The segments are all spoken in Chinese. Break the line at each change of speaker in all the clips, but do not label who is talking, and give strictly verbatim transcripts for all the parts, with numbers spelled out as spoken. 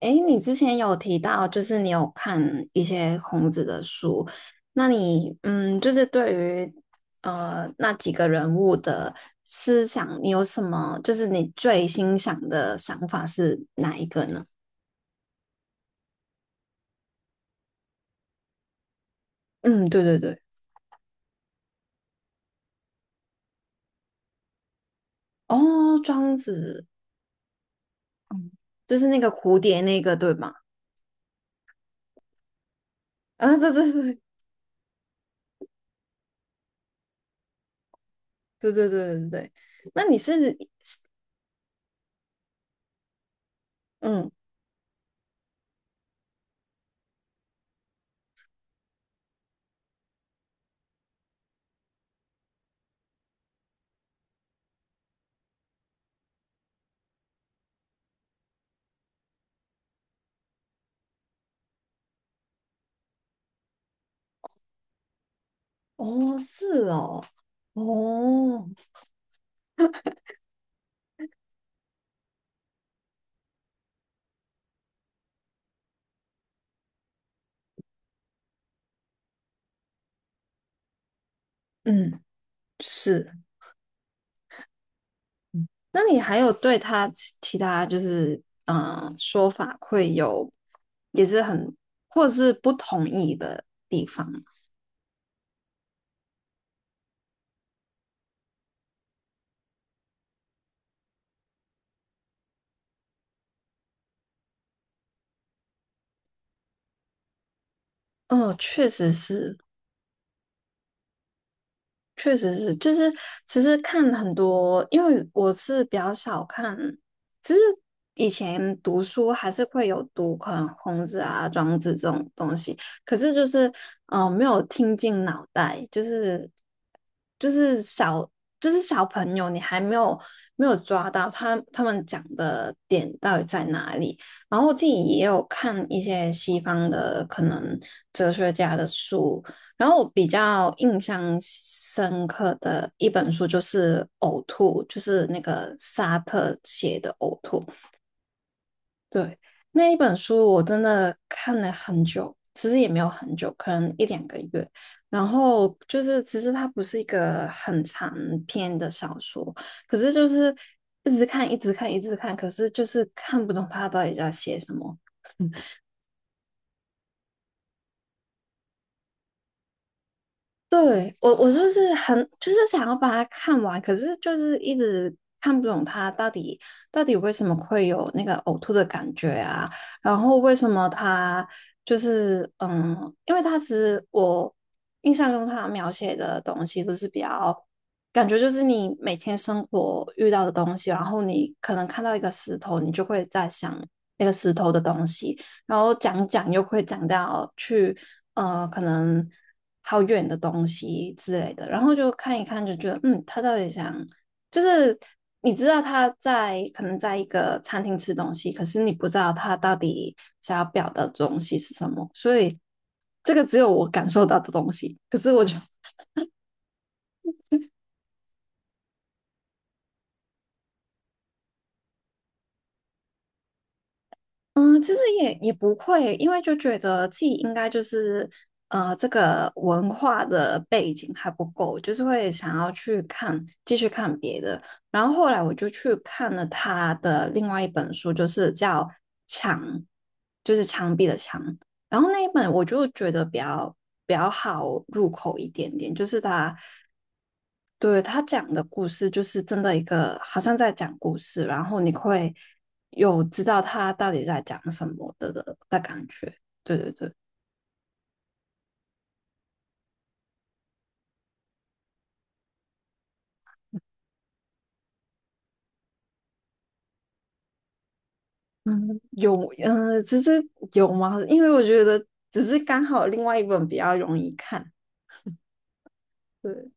哎，你之前有提到，就是你有看一些孔子的书，那你嗯，就是对于呃那几个人物的思想，你有什么？就是你最欣赏的想法是哪一个呢？嗯，对对对。哦，庄子就是那个蝴蝶那个对吗？啊，对对对对对对对对。那你是嗯。哦，是哦。哦。嗯，是。那你还有对他其其他就是嗯说法会有也是很或者是不同意的地方吗？哦，确实是确实是。就是其实看很多，因为我是比较少看，其实以前读书还是会有读可能孔子啊、庄子这种东西，可是就是嗯、呃没有听进脑袋，就是就是小就是小朋友，你还没有没有抓到他他们讲的点到底在哪里。然后我自己也有看一些西方的可能哲学家的书，然后我比较印象深刻的一本书就是《呕吐》，就是那个沙特写的《呕吐》。对，那一本书我真的看了很久，其实也没有很久，可能一两个月。然后就是其实它不是一个很长篇的小说，可是就是一直看，一直看，一直看，可是就是看不懂他到底在写什么。对，我，我就是很，就是想要把它看完，可是就是一直看不懂它到底到底为什么会有那个呕吐的感觉啊，然后为什么它就是嗯，因为它其实我印象中它描写的东西都是比较感觉就是你每天生活遇到的东西，然后你可能看到一个石头，你就会在想那个石头的东西，然后讲讲又会讲到去。呃，可能好远的东西之类的，然后就看一看，就觉得，嗯，他到底想，就是你知道他在可能在一个餐厅吃东西，可是你不知道他到底想要表达的东西是什么，所以这个只有我感受到的东西，可是我就。嗯，其实也也不会，因为就觉得自己应该就是呃，这个文化的背景还不够，就是会想要去看，继续看别的。然后后来我就去看了他的另外一本书，就是叫《墙》，就是墙壁的墙。然后那一本我就觉得比较比较好入口一点点，就是它。对，他讲的故事就是真的一个好像在讲故事，然后你会有知道他到底在讲什么的的的感觉。对对对。嗯，有。嗯，只是有吗？因为我觉得只是刚好另外一本比较容易看。对，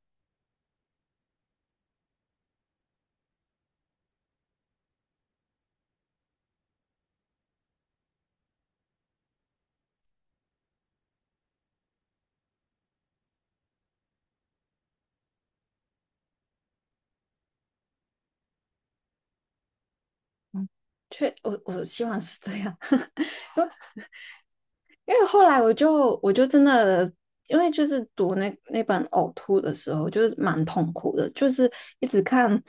确，我我希望是这样。因为后来我就我就真的，因为就是读那那本呕吐的时候，就是蛮痛苦的，就是一直看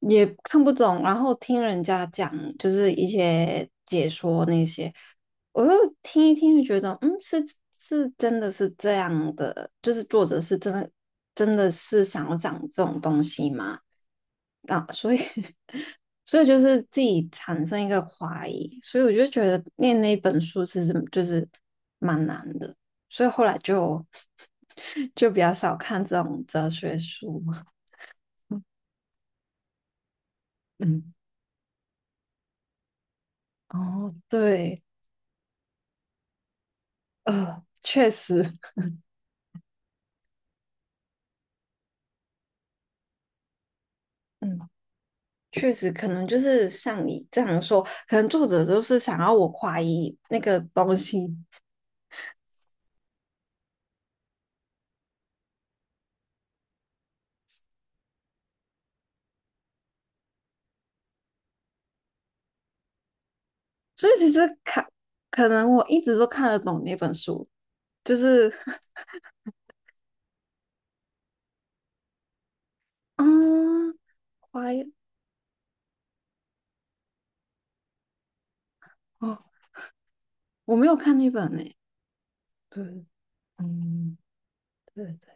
也看不懂，然后听人家讲就是一些解说那些，我就听一听就觉得，嗯，是是真的是这样的，就是作者是真的真的是想要讲这种东西吗？啊，所以 所以就是自己产生一个怀疑，所以我就觉得念那本书其实就是蛮难的，所以后来就 就比较少看这种哲学书。嗯。哦，对。呃，确实。嗯，确实，可能就是像你这样说，可能作者就是想要我怀疑那个东西，所以其实看，可能我一直都看得懂那本书，就是，嗯，怀疑。哦，我没有看那本呢。对，嗯，对对。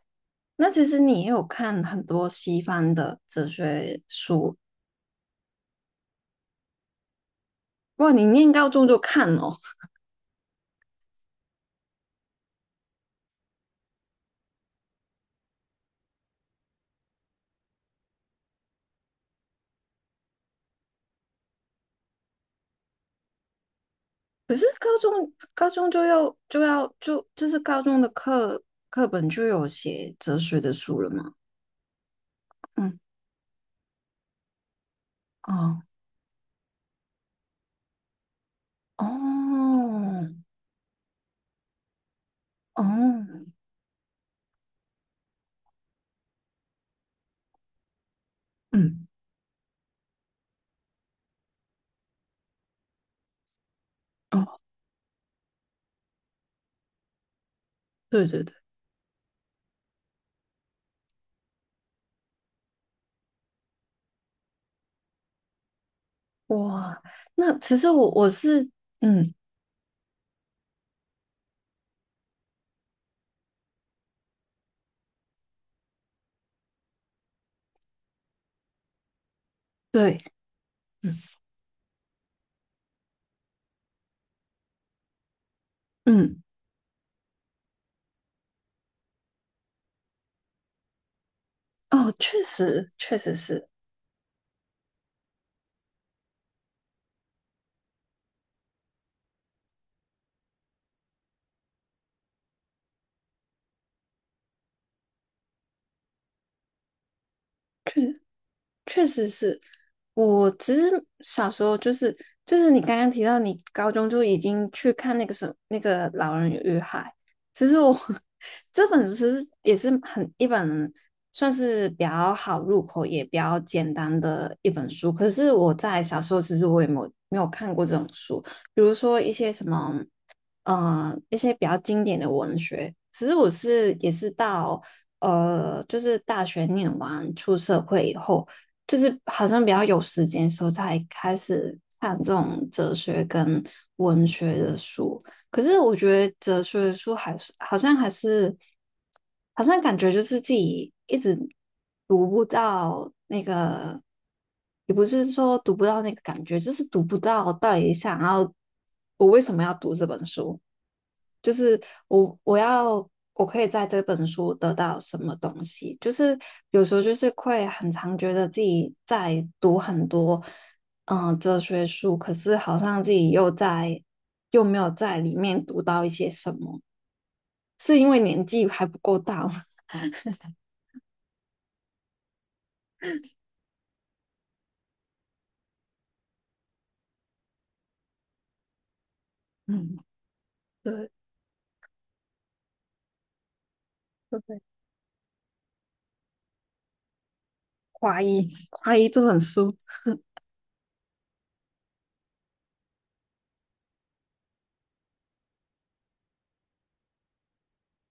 那其实你也有看很多西方的哲学书。哇，你念高中就看哦。可是高中高中就要就要就就是高中的课课本就有写哲学的书了嘛？嗯。哦哦哦。嗯。哦，对对对。哇，那其实我我是。嗯。对。嗯。嗯。哦，确实确实是。确实是，我其实小时候就是就是你刚刚提到你高中就已经去看那个什么那个《老人与海》，其实我 这本其实也是很一本算是比较好入口也比较简单的一本书，可是我在小时候其实我也没有没有看过这种书，比如说一些什么嗯，一些比较经典的文学。其实我是也是到呃，就是大学念完出社会以后，就是好像比较有时间的时候才开始看这种哲学跟文学的书。可是我觉得哲学的书还是好像还是好像感觉就是自己一直读不到，也不是说读不到那个感觉，就是读不到到底想要我为什么要读这本书。就是我我要我可以在这本书得到什么东西？就是有时候就是会很常觉得自己在读很多嗯、呃哲学书，可是好像自己又在又没有在里面读到一些什么，是因为年纪还不够大吗？嗯，对，会怀疑怀疑 这本书。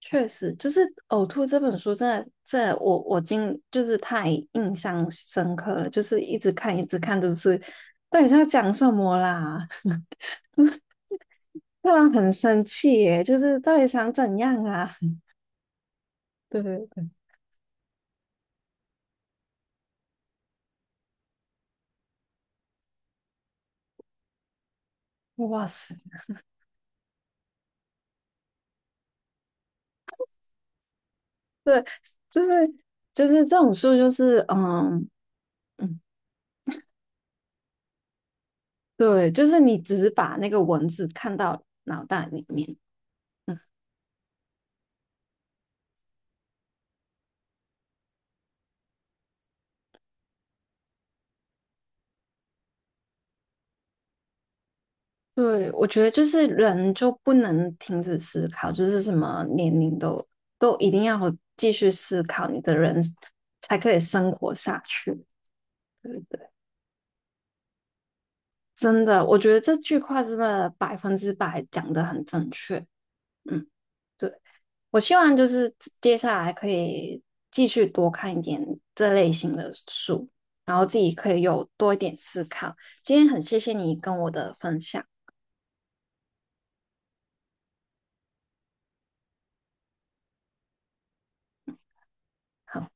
确实，就是《呕吐》这本书真的，真的，我我今就是太印象深刻了，就是一直看一直看，就是到底是要讲什么啦？让人很生气耶，就是到底想怎样啊？对对对。哇塞。对，就是就是这种书，就是嗯嗯，对，就是你只是把那个文字看到脑袋里面。嗯。对，我觉得就是人就不能停止思考，就是什么年龄都都一定要继续思考，你的人才可以生活下去，对不对？真的，我觉得这句话真的百分之百讲的很正确。嗯，对，我希望就是接下来可以继续多看一点这类型的书，然后自己可以有多一点思考。今天很谢谢你跟我的分享。好。